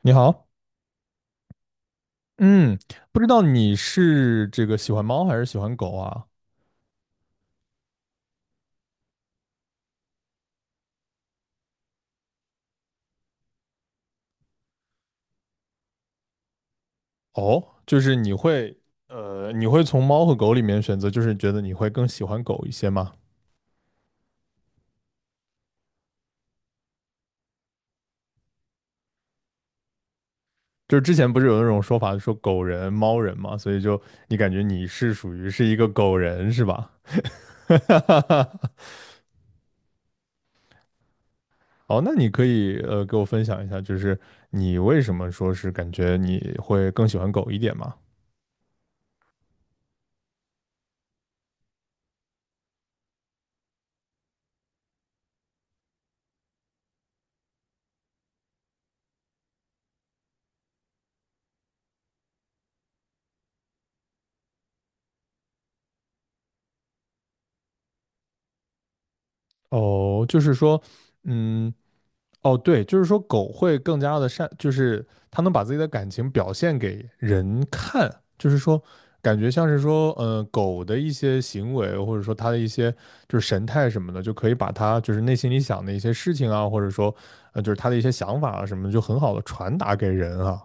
你好，嗯，不知道你是这个喜欢猫还是喜欢狗啊？哦，就是你会，你会从猫和狗里面选择，就是觉得你会更喜欢狗一些吗？就是之前不是有那种说法说狗人、猫人嘛，所以就你感觉你是属于是一个狗人是吧？哦，那你可以给我分享一下，就是你为什么说是感觉你会更喜欢狗一点吗？哦，就是说，嗯。哦，对，就是说狗会更加的善，就是它能把自己的感情表现给人看，就是说感觉像是说，狗的一些行为或者说它的一些就是神态什么的，就可以把它就是内心里想的一些事情啊，或者说就是它的一些想法啊什么的，就很好的传达给人啊，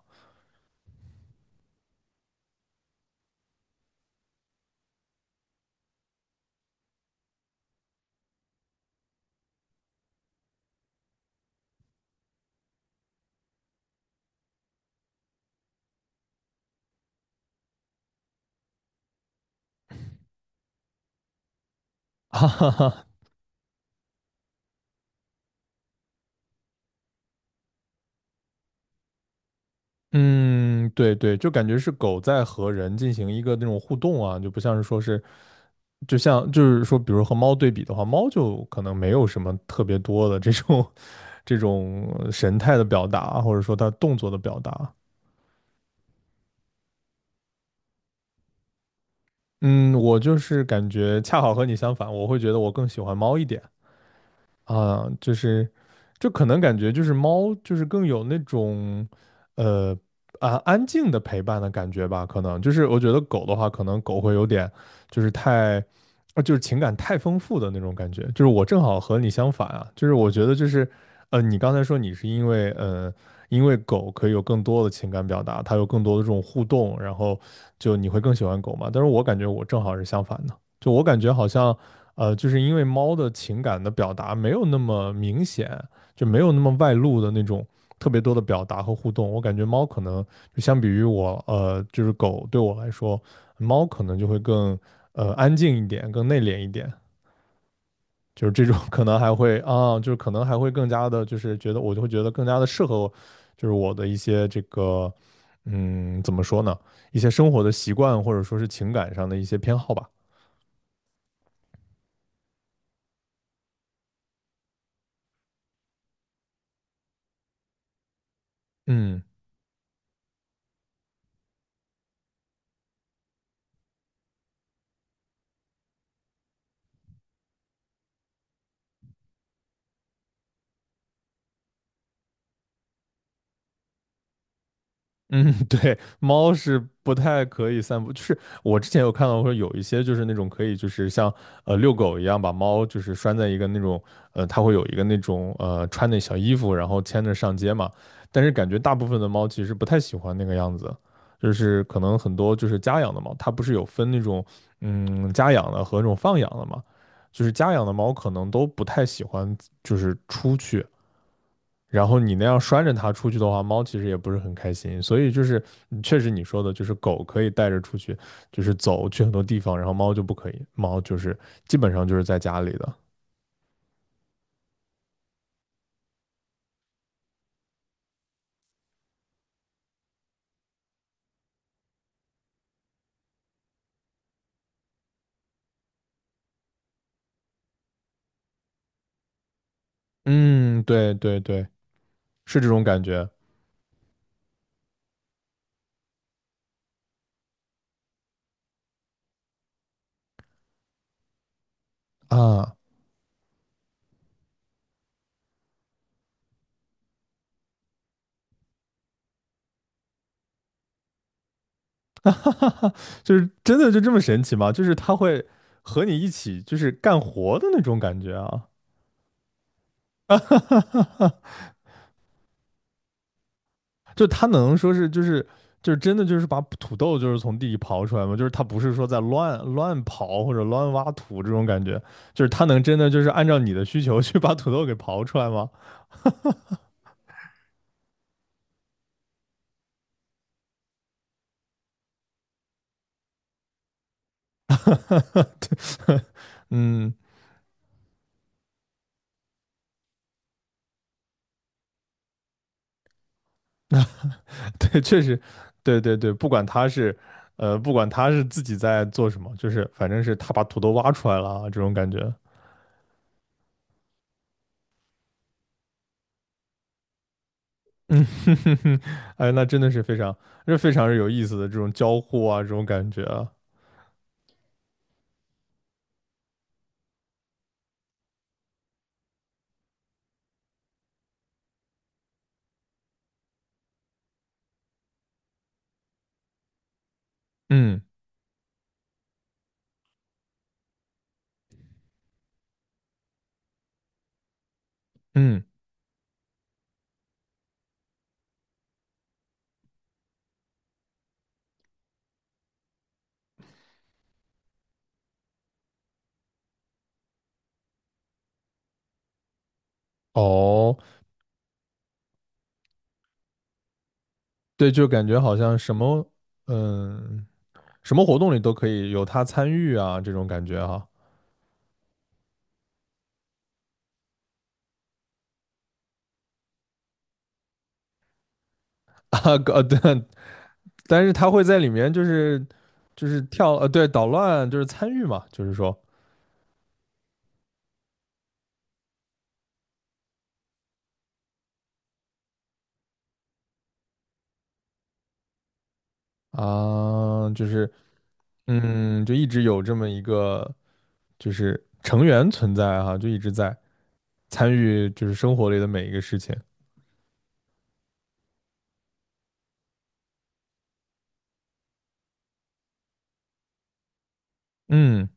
哈哈哈，嗯，对对，就感觉是狗在和人进行一个那种互动啊，就不像是说是。就像就是说，比如和猫对比的话，猫就可能没有什么特别多的这种 这种神态的表达，或者说他动作的表达。嗯，我就是感觉恰好和你相反，我会觉得我更喜欢猫一点。啊，就是，就可能感觉就是猫就是更有那种，呃啊安静的陪伴的感觉吧，可能就是我觉得狗的话，可能狗会有点就是太，啊就是情感太丰富的那种感觉。就是我正好和你相反啊，就是我觉得就是，你刚才说你是因为因为狗可以有更多的情感表达，它有更多的这种互动，然后就你会更喜欢狗嘛？但是我感觉我正好是相反的。就我感觉好像，就是因为猫的情感的表达没有那么明显，就没有那么外露的那种特别多的表达和互动。我感觉猫可能就相比于我，就是狗对我来说，猫可能就会更安静一点，更内敛一点。就是这种 可能还会啊，就是可能还会更加的，就是觉得我就会觉得更加的适合我，就是我的一些这个，怎么说呢，一些生活的习惯或者说是情感上的一些偏好吧。嗯。嗯，对，猫是不太可以散步。就是我之前有看到说有一些就是那种可以就是像遛狗一样把猫就是拴在一个那种它会有一个那种穿的小衣服，然后牵着上街嘛。但是感觉大部分的猫其实不太喜欢那个样子，就是可能很多就是家养的猫，它不是有分那种嗯家养的和那种放养的嘛，就是家养的猫可能都不太喜欢就是出去。然后你那样拴着它出去的话，猫其实也不是很开心。所以就是嗯确实你说的，就是狗可以带着出去，就是走去很多地方，然后猫就不可以，猫就是基本上就是在家里的。嗯，对对对，是这种感觉啊，就是真的就这么神奇吗？就是它会和你一起就是干活的那种感觉啊。就他能说是就是就是真的就是把土豆就是从地里刨出来吗？就是他不是说在乱刨或者乱挖土这种感觉，就是他能真的就是按照你的需求去把土豆给刨出来吗？对，嗯，对，确实，对对对，不管他是不管他是自己在做什么，就是反正是他把土豆挖出来了啊这种感觉。嗯，哼哼哼哎，那真的是非常，这非常是有意思的这种交互啊，这种感觉啊。嗯嗯，哦，对，就感觉好像什么，嗯，什么活动里都可以有他参与啊，这种感觉哈。啊，对，但是他会在里面就是就是跳，对，捣乱就是参与嘛，就是说啊，就是嗯，就一直有这么一个就是成员存在哈，就一直在参与就是生活里的每一个事情。嗯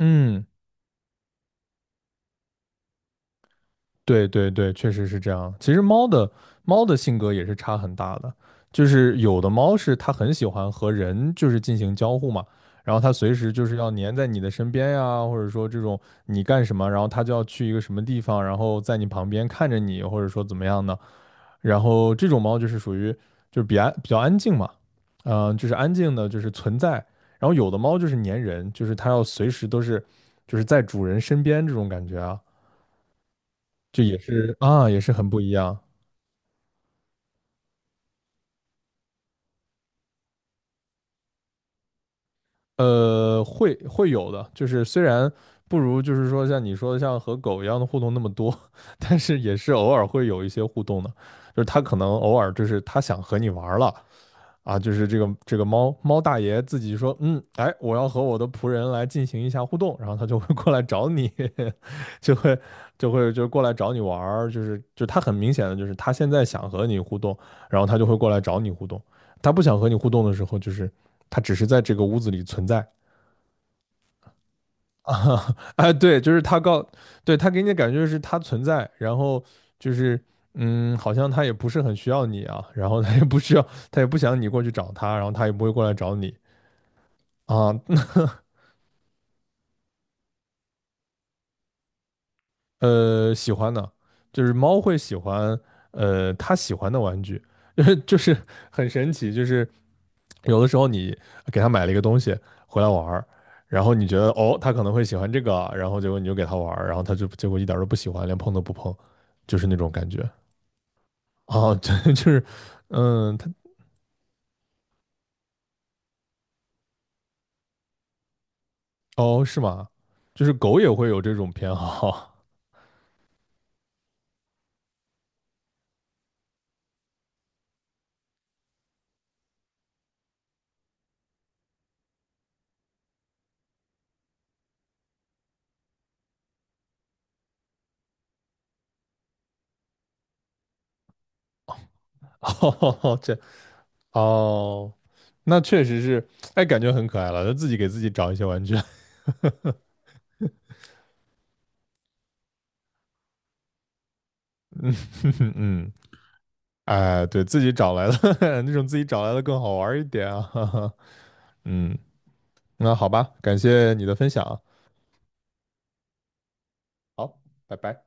嗯。对对对，确实是这样。其实猫的猫的性格也是差很大的，就是有的猫是它很喜欢和人就是进行交互嘛，然后它随时就是要黏在你的身边呀，或者说这种你干什么，然后它就要去一个什么地方，然后在你旁边看着你，或者说怎么样呢？然后这种猫就是属于就是比较比较安静嘛，嗯、就是安静的，就是存在。然后有的猫就是粘人，就是它要随时都是就是在主人身边这种感觉啊。就也是啊，也是很不一样。会会有的，就是虽然不如就是说像你说的像和狗一样的互动那么多，但是也是偶尔会有一些互动的，就是它可能偶尔就是它想和你玩儿了，啊，就是这个这个猫猫大爷自己说，嗯，哎，我要和我的仆人来进行一下互动，然后他就会过来找你，就会就会就过来找你玩儿，就是就他很明显的就是他现在想和你互动，然后他就会过来找你互动，他不想和你互动的时候，就是他只是在这个屋子里存在啊，哎，对，就是他告，对，他给你的感觉是他存在，然后就是嗯，好像他也不是很需要你啊，然后他也不需要，他也不想你过去找他，然后他也不会过来找你。啊，那 喜欢的，就是猫会喜欢，它喜欢的玩具，就是很神奇，就是有的时候你给它买了一个东西回来玩儿，然后你觉得哦，它可能会喜欢这个啊，然后结果你就给它玩儿，然后它就结果一点儿都不喜欢，连碰都不碰，就是那种感觉。哦，对，就是，嗯，它，哦，是吗？就是狗也会有这种偏好，哦，这样。哦，那确实是，哎，感觉很可爱了，他自己给自己找一些玩具，嗯，哎，对，自己找来的 那种自己找来的更好玩一点啊，嗯，那好吧，感谢你的分享啊，好，拜拜。